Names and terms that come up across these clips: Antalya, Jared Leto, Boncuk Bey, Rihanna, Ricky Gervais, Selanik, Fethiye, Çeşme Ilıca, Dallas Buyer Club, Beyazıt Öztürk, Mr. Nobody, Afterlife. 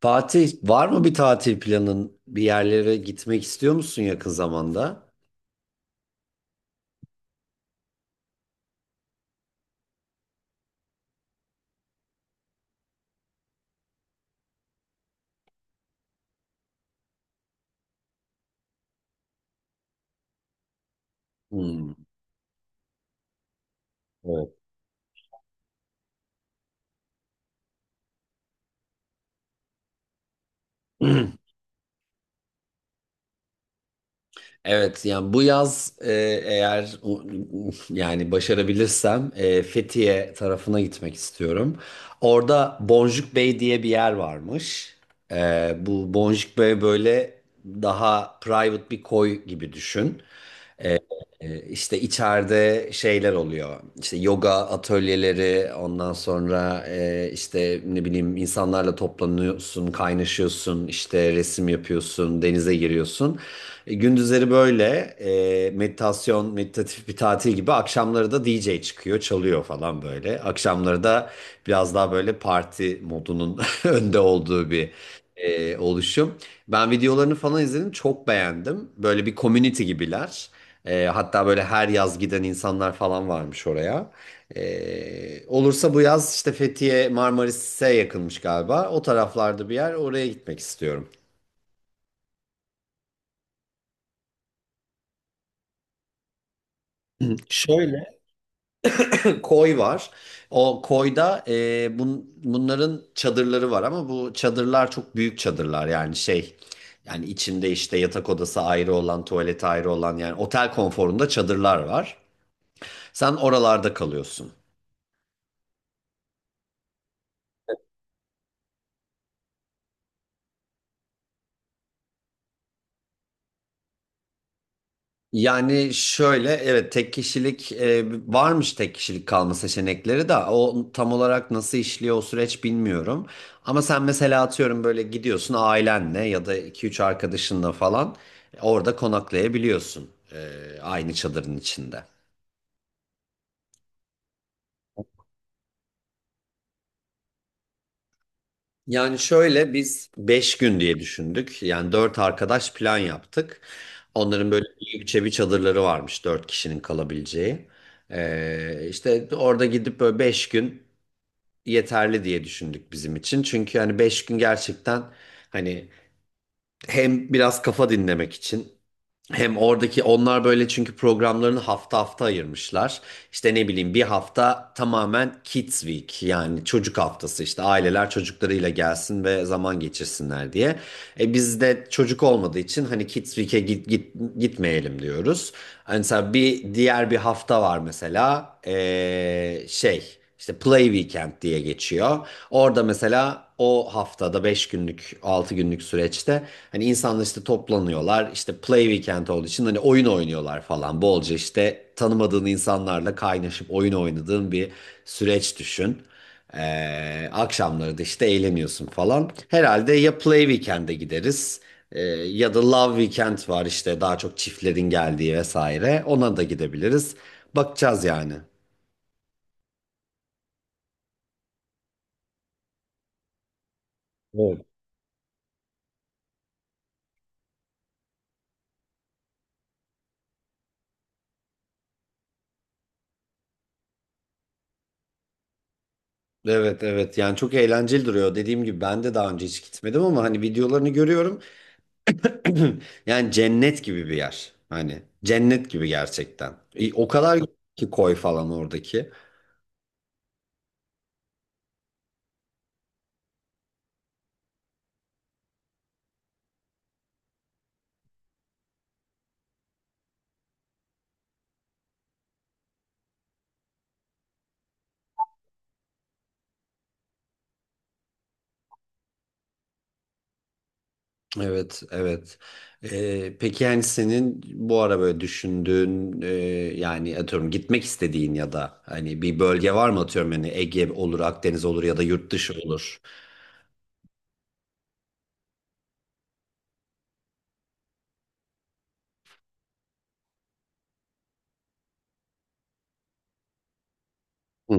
Fatih, var mı bir tatil planın? Bir yerlere gitmek istiyor musun yakın zamanda? Hmm, evet. Evet, yani bu yaz eğer u- yani başarabilirsem, Fethiye tarafına gitmek istiyorum. Orada Boncuk Bey diye bir yer varmış. Bu Boncuk Bey böyle daha private bir koy gibi düşün. İşte içeride şeyler oluyor. İşte yoga atölyeleri, ondan sonra, işte ne bileyim insanlarla toplanıyorsun, kaynaşıyorsun, işte resim yapıyorsun, denize giriyorsun. Gündüzleri böyle meditasyon, meditatif bir tatil gibi. Akşamları da DJ çıkıyor, çalıyor falan böyle. Akşamları da biraz daha böyle parti modunun önde olduğu bir oluşum. Ben videolarını falan izledim, çok beğendim. Böyle bir community gibiler. Hatta böyle her yaz giden insanlar falan varmış oraya. Olursa bu yaz işte Fethiye Marmaris'e yakınmış galiba. O taraflarda bir yer, oraya gitmek istiyorum. Şöyle koy var. O koyda, bunların çadırları var ama bu çadırlar çok büyük çadırlar, yani şey, yani içinde işte yatak odası ayrı olan, tuvalet ayrı olan, yani otel konforunda çadırlar var. Sen oralarda kalıyorsun. Yani şöyle, evet, tek kişilik varmış, tek kişilik kalma seçenekleri de o tam olarak nasıl işliyor, o süreç bilmiyorum. Ama sen mesela atıyorum böyle gidiyorsun ailenle ya da iki üç arkadaşınla falan orada konaklayabiliyorsun, aynı çadırın içinde. Yani şöyle biz 5 gün diye düşündük. Yani 4 arkadaş plan yaptık. Onların böyle büyükçe bir çadırları varmış, 4 kişinin kalabileceği. İşte orada gidip böyle 5 gün yeterli diye düşündük bizim için. Çünkü hani 5 gün gerçekten hani hem biraz kafa dinlemek için, hem oradaki, onlar böyle, çünkü programlarını hafta hafta ayırmışlar. İşte ne bileyim, bir hafta tamamen Kids Week, yani çocuk haftası, işte aileler çocuklarıyla gelsin ve zaman geçirsinler diye. E biz çocuk olmadığı için hani Kids Week'e gitmeyelim diyoruz. Hani mesela bir diğer bir hafta var mesela, şey, işte Play Weekend diye geçiyor. Orada mesela o haftada 5 günlük 6 günlük süreçte hani insanlar işte toplanıyorlar, işte Play Weekend olduğu için hani oyun oynuyorlar falan bolca, işte tanımadığın insanlarla kaynaşıp oyun oynadığın bir süreç düşün. Akşamları da işte eğleniyorsun falan. Herhalde ya Play Weekend'e gideriz, ya da Love Weekend var, işte daha çok çiftlerin geldiği vesaire. Ona da gidebiliriz. Bakacağız yani. Evet. Evet, evet, yani çok eğlenceli duruyor. Dediğim gibi ben de daha önce hiç gitmedim ama hani videolarını görüyorum. Yani cennet gibi bir yer. Hani cennet gibi gerçekten. E, o kadar ki koy falan oradaki. Evet, evet. Peki yani senin bu ara böyle düşündüğün, yani atıyorum gitmek istediğin ya da hani bir bölge var mı, atıyorum hani Ege olur, Akdeniz olur ya da yurt dışı olur. Hı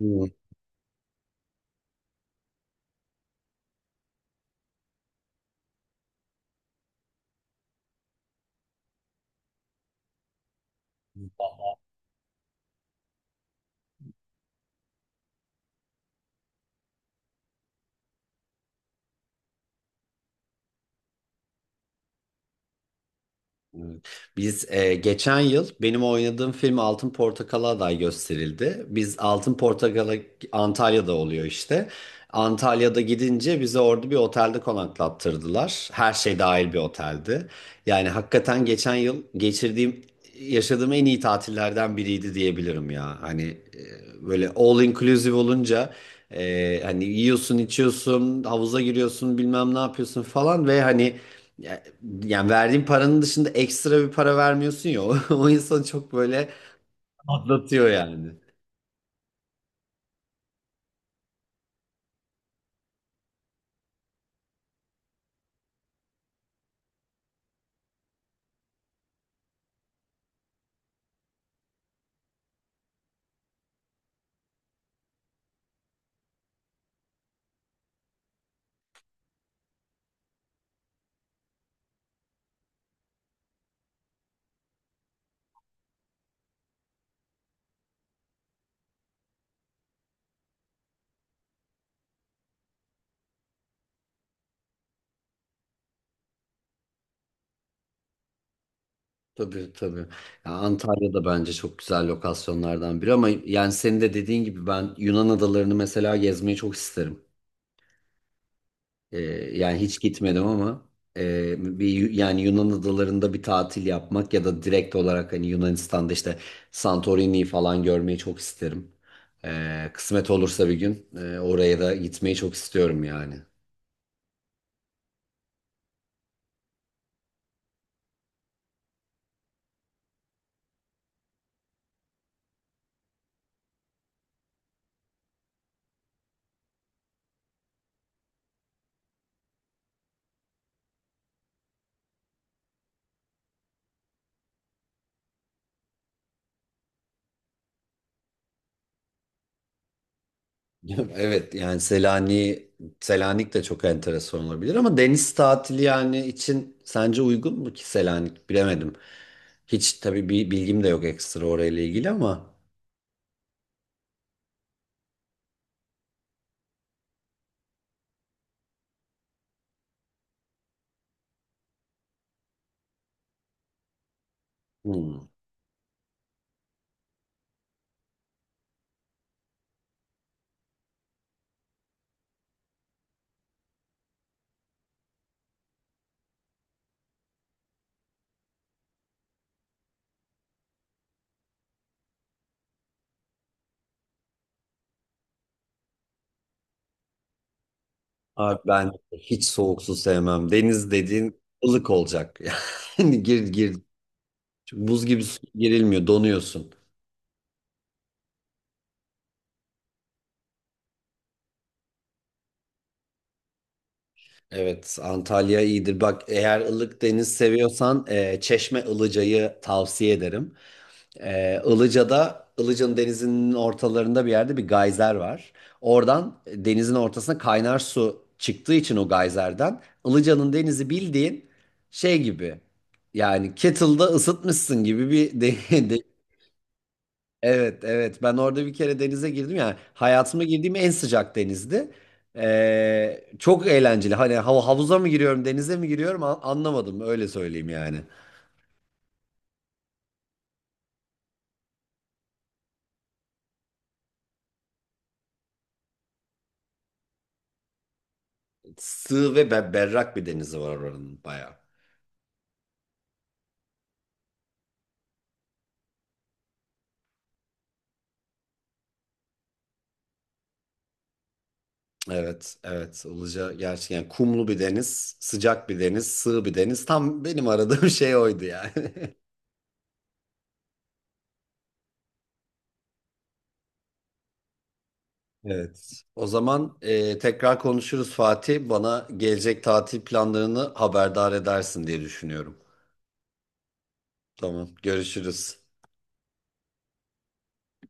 hı. Evet. Biz, geçen yıl benim oynadığım film Altın Portakal'a aday gösterildi. Biz Altın Portakal'a, Antalya'da oluyor işte. Antalya'da gidince bizi orada bir otelde konaklattırdılar. Her şey dahil bir oteldi. Yani hakikaten geçen yıl geçirdiğim, yaşadığım en iyi tatillerden biriydi diyebilirim ya. Hani böyle all inclusive olunca, hani yiyorsun, içiyorsun, havuza giriyorsun, bilmem ne yapıyorsun falan ve hani yani verdiğin paranın dışında ekstra bir para vermiyorsun ya, o insanı çok böyle atlatıyor yani. Tabii, tabii. Ya Antalya da bence çok güzel lokasyonlardan biri ama yani senin de dediğin gibi ben Yunan adalarını mesela gezmeyi çok isterim. Ee, Yani hiç gitmedim ama, yani Yunan adalarında bir tatil yapmak ya da direkt olarak hani Yunanistan'da işte Santorini'yi falan görmeyi çok isterim. Kısmet olursa bir gün oraya da gitmeyi çok istiyorum yani. Evet yani Selanik de çok enteresan olabilir ama deniz tatili yani için sence uygun mu ki Selanik, bilemedim. Hiç tabii bir bilgim de yok ekstra orayla ilgili ama hmm. Abi ben hiç soğuk su sevmem. Deniz dediğin ılık olacak. Yani gir gir buz gibi su girilmiyor, donuyorsun. Evet, Antalya iyidir. Bak, eğer ılık deniz seviyorsan, Çeşme Ilıca'yı tavsiye ederim. Ilıca'da, Ilıca'nın denizinin ortalarında bir yerde bir gayzer var. Oradan, denizin ortasına kaynar su çıktığı için o gayzerden Ilıca'nın denizi bildiğin şey gibi. Yani kettle'da ısıtmışsın gibi bir de- evet, evet, ben orada bir kere denize girdim, yani hayatıma girdiğim en sıcak denizdi. Çok eğlenceli. Hani havuza mı giriyorum, denize mi giriyorum anlamadım, öyle söyleyeyim yani. Sığ ve berrak bir denizi var oranın bayağı. Evet, evet. Ilıca gerçekten kumlu bir deniz, sıcak bir deniz, sığ bir deniz. Tam benim aradığım şey oydu yani. Evet. O zaman, tekrar konuşuruz Fatih. Bana gelecek tatil planlarını haberdar edersin diye düşünüyorum. Tamam, görüşürüz.